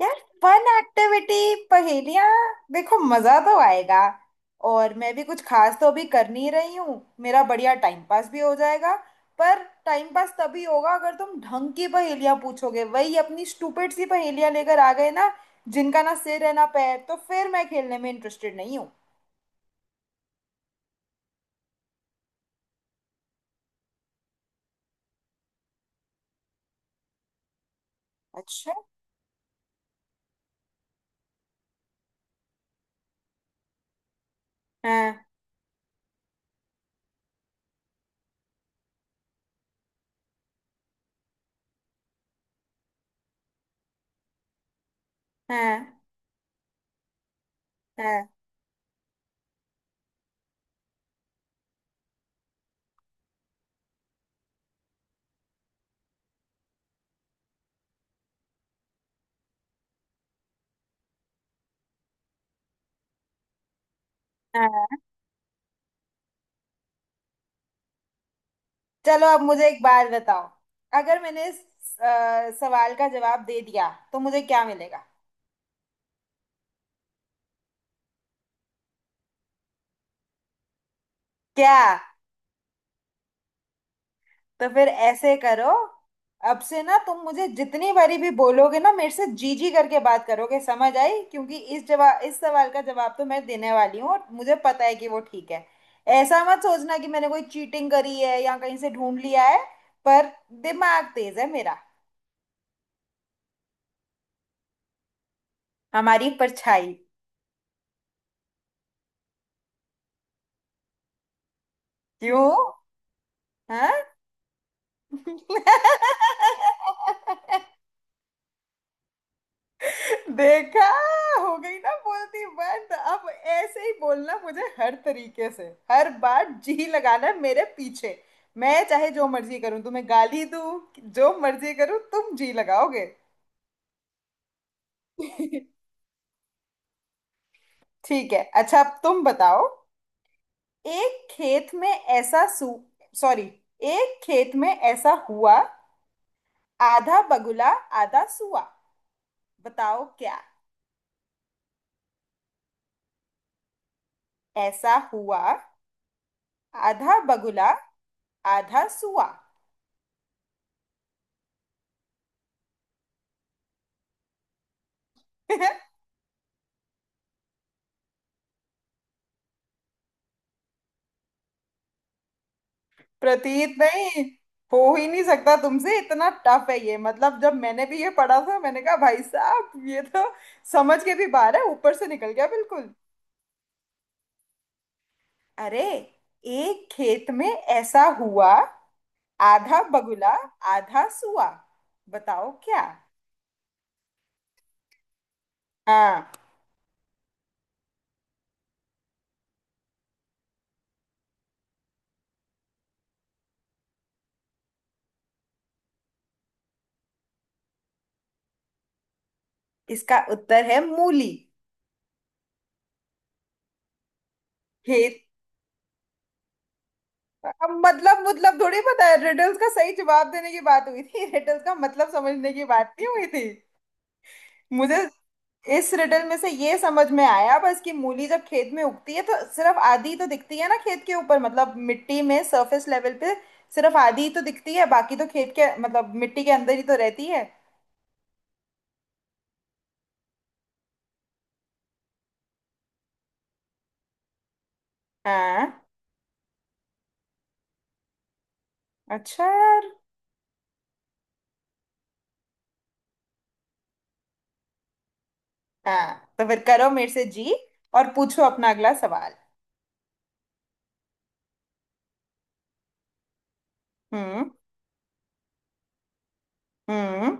यार fun activity. पहेलियां। देखो मजा तो आएगा। और मैं भी कुछ खास तो अभी कर नहीं रही हूँ, मेरा बढ़िया टाइम पास भी हो जाएगा। पर टाइम पास तभी होगा अगर तुम ढंग की पहेलियां पूछोगे। वही अपनी स्टूपिड सी पहेलियां लेकर आ गए ना, जिनका ना सिर है ना पैर, तो फिर मैं खेलने में इंटरेस्टेड नहीं हूँ। अच्छा। हाँ हाँ हाँ हाँ। चलो अब मुझे एक बात बताओ, अगर मैंने इस सवाल का जवाब दे दिया तो मुझे क्या मिलेगा। क्या। तो फिर ऐसे करो, अब से ना तुम मुझे जितनी बारी भी बोलोगे ना मेरे से जी जी करके बात करोगे, समझ आई। क्योंकि इस जवाब इस सवाल का जवाब तो मैं देने वाली हूँ और मुझे पता है कि वो ठीक है। ऐसा मत सोचना कि मैंने कोई चीटिंग करी है या कहीं से ढूंढ लिया है। पर दिमाग तेज है मेरा। हमारी परछाई। क्यों। हाँ। देखा। हो गई ना बोलती बंद। अब ऐसे ही बोलना मुझे हर तरीके से। हर बार जी लगाना है मेरे पीछे। मैं चाहे जो मर्जी करूं तुम्हें गाली दूं, जो मर्जी करूं तुम जी लगाओगे। ठीक है। अच्छा अब तुम बताओ। एक खेत में ऐसा सू। सॉरी। एक खेत में ऐसा हुआ, आधा बगुला आधा सुआ, बताओ क्या। ऐसा हुआ। आधा बगुला आधा सुआ। प्रतीत नहीं, हो ही नहीं सकता तुमसे। इतना टफ है ये, मतलब जब मैंने भी ये पढ़ा था मैंने कहा भाई साहब ये तो समझ के भी बाहर है, ऊपर से निकल गया बिल्कुल। अरे, एक खेत में ऐसा हुआ, आधा बगुला आधा सुआ, बताओ क्या। हाँ। इसका उत्तर है मूली। खेत। अब मतलब थोड़ी पता है, रिडल्स का सही जवाब देने की बात हुई थी, रिडल्स का मतलब समझने की बात नहीं हुई थी। मुझे इस रिडल में से ये समझ में आया बस कि मूली जब खेत में उगती है तो सिर्फ आधी तो दिखती है ना खेत के ऊपर, मतलब मिट्टी में सरफेस लेवल पे सिर्फ आधी ही तो दिखती है, बाकी तो खेत के मतलब मिट्टी के अंदर ही तो रहती है। हाँ। अच्छा यार। हाँ तो फिर करो मेरे से जी, और पूछो अपना अगला सवाल। हम्म। हम्म।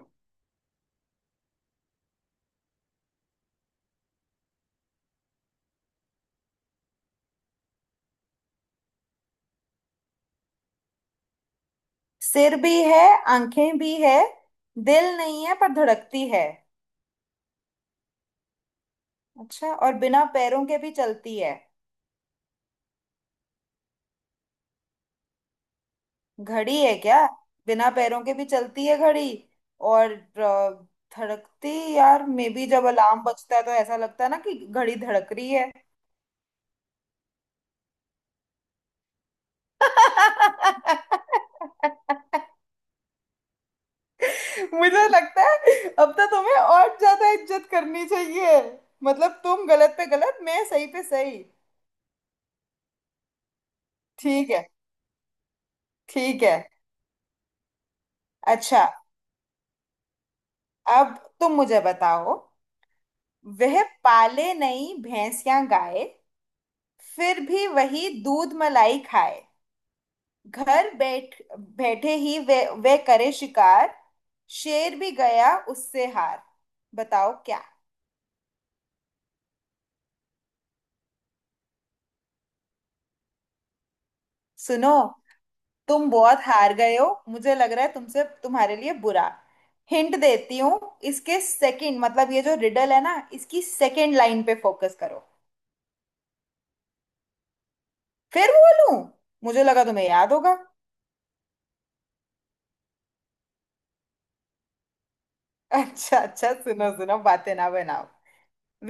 सिर भी है, आंखें भी है, दिल नहीं है पर धड़कती है। अच्छा और बिना पैरों के भी चलती है। घड़ी है क्या। बिना पैरों के भी चलती है घड़ी, और धड़कती। यार मे बी जब अलार्म बजता है तो ऐसा लगता है ना कि घड़ी धड़क रही है। मुझे लगता है अब तो तुम्हें और ज्यादा इज्जत करनी चाहिए। मतलब तुम गलत पे गलत मैं सही पे सही। ठीक है। ठीक है। अच्छा अब तुम मुझे बताओ। वह पाले नहीं भैंस या गाय, फिर भी वही दूध मलाई खाए। घर बैठ बैठे ही वे वे करे शिकार, शेर भी गया उससे हार। बताओ क्या। सुनो, तुम बहुत हार गए हो मुझे लग रहा है, तुमसे तुम्हारे लिए बुरा। हिंट देती हूँ। इसके सेकंड, मतलब ये जो रिडल है ना इसकी सेकंड लाइन पे फोकस करो। फिर बोलूं। मुझे लगा तुम्हें याद होगा। अच्छा अच्छा सुनो सुनो बातें ना बनाओ।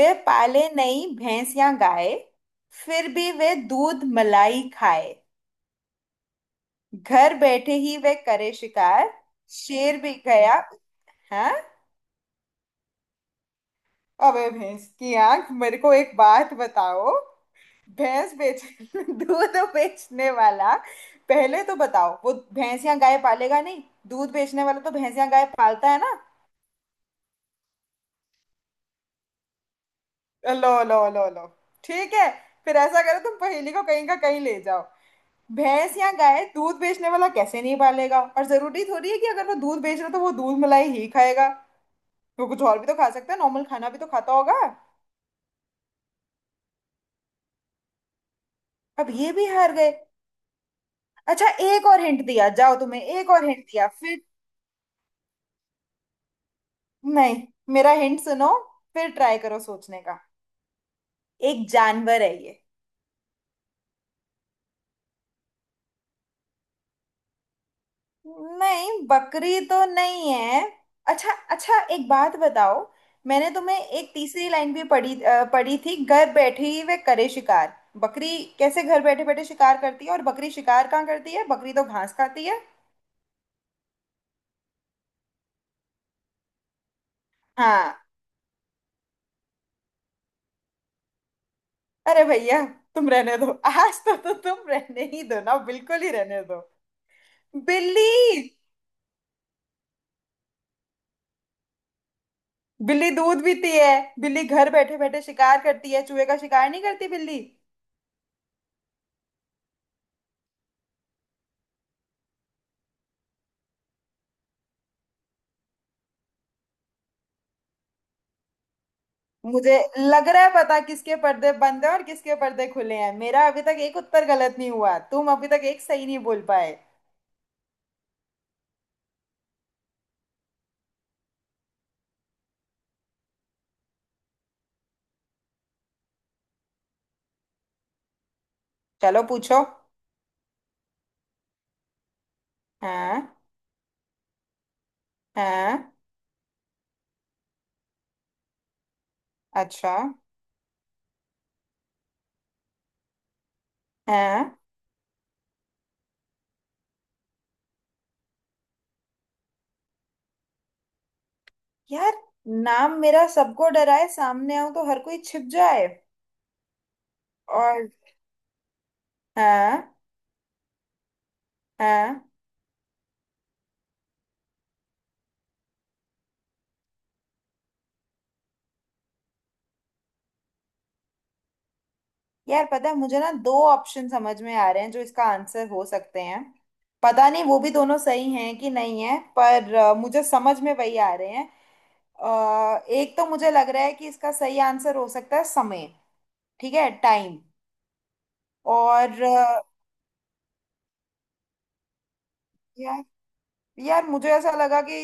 वे पाले नहीं भैंस या गाय, फिर भी वे दूध मलाई खाए। घर बैठे ही वह करे शिकार, शेर भी गया। हाँ। अबे भैंस की आंख, मेरे को एक बात बताओ। भैंस बेच, दूध बेचने वाला। पहले तो बताओ वो, भैंस या गाय पालेगा नहीं। दूध बेचने वाला तो भैंस या गाय पालता है ना। लो लो लो लो। ठीक है। फिर ऐसा करो तुम पहेली को कहीं का कहीं ले जाओ। भैंस या गाय दूध बेचने वाला कैसे नहीं पालेगा, और जरूरी थोड़ी है कि अगर वो दूध बेच रहा है तो वो दूध मलाई ही खाएगा। वो कुछ और भी तो खा सकता है, नॉर्मल खाना भी तो खाता होगा। अब ये भी हार गए। अच्छा एक और हिंट दिया जाओ, तुम्हें एक और हिंट दिया फिर। नहीं, मेरा हिंट सुनो, फिर ट्राई करो सोचने का। एक जानवर है ये। नहीं, बकरी तो नहीं है। अच्छा अच्छा एक बात बताओ, मैंने तुम्हें एक तीसरी लाइन भी पढ़ी पढ़ी थी, घर बैठे ही वे करे शिकार। बकरी कैसे घर बैठे बैठे शिकार करती है, और बकरी शिकार कहाँ करती है, बकरी तो घास खाती है। हाँ। अरे भैया तुम रहने दो आज तो तुम रहने ही दो ना, बिल्कुल ही रहने दो। बिल्ली। बिल्ली दूध पीती है, बिल्ली घर बैठे बैठे शिकार करती है, चूहे का शिकार नहीं करती बिल्ली। मुझे लग रहा है पता किसके पर्दे बंद है और किसके पर्दे खुले हैं। मेरा अभी तक एक उत्तर गलत नहीं हुआ, तुम अभी तक एक सही नहीं बोल पाए। चलो पूछो। हाँ। हाँ। अच्छा। हाँ। यार, नाम मेरा सबको डराए, सामने आऊं तो हर कोई छिप जाए। और। हाँ। हाँ। यार पता है मुझे ना दो ऑप्शन समझ में आ रहे हैं जो इसका आंसर हो सकते हैं। पता नहीं वो भी दोनों सही हैं कि नहीं है, पर मुझे समझ में वही आ रहे हैं। एक तो मुझे लग रहा है कि इसका सही आंसर हो सकता है समय। ठीक है, टाइम। और यार। यार मुझे ऐसा लगा कि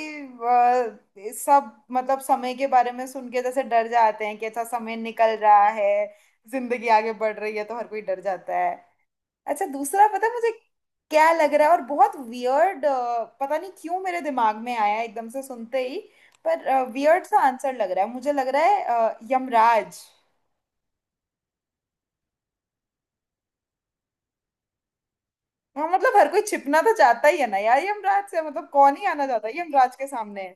सब मतलब समय के बारे में सुन के जैसे डर जाते हैं कि अच्छा समय निकल रहा है, जिंदगी आगे बढ़ रही है, तो हर कोई डर जाता है। अच्छा दूसरा पता है मुझे क्या लग रहा है, और बहुत वियर्ड। पता नहीं क्यों मेरे दिमाग में आया एकदम से सुनते ही, पर वियर्ड सा आंसर लग रहा है मुझे, लग रहा है यमराज। हाँ मतलब हर कोई छिपना तो चाहता ही है ना यार यमराज से, मतलब कौन ही आना चाहता है यमराज के सामने।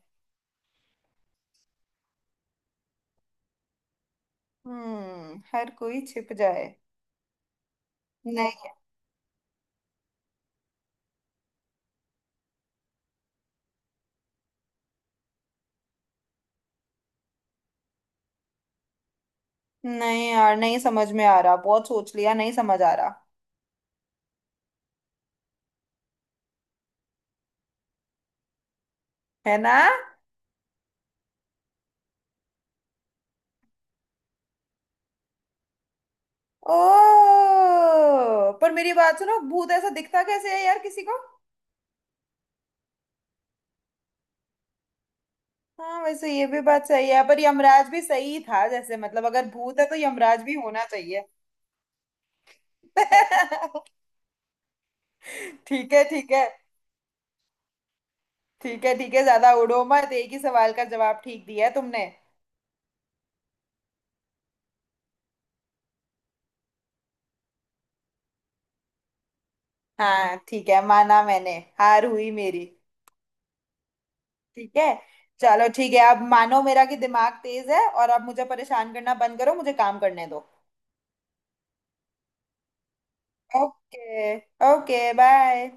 हम्म, हर कोई छिप जाए। नहीं। नहीं यार नहीं समझ में आ रहा, बहुत सोच लिया, नहीं समझ आ रहा। है ना। ओ, पर मेरी बात सुनो, भूत ऐसा दिखता कैसे है यार किसी को। हाँ वैसे ये भी बात सही है, पर यमराज भी सही था जैसे, मतलब अगर भूत है तो यमराज भी होना चाहिए। ठीक है ठीक है। ठीक है, ज्यादा उड़ो मत, एक ही सवाल का जवाब ठीक दिया है तुमने। हाँ ठीक है, माना मैंने हार हुई मेरी। ठीक है। चलो ठीक है, अब मानो मेरा कि दिमाग तेज है, और अब मुझे परेशान करना बंद करो, मुझे काम करने दो। ओके। Okay bye.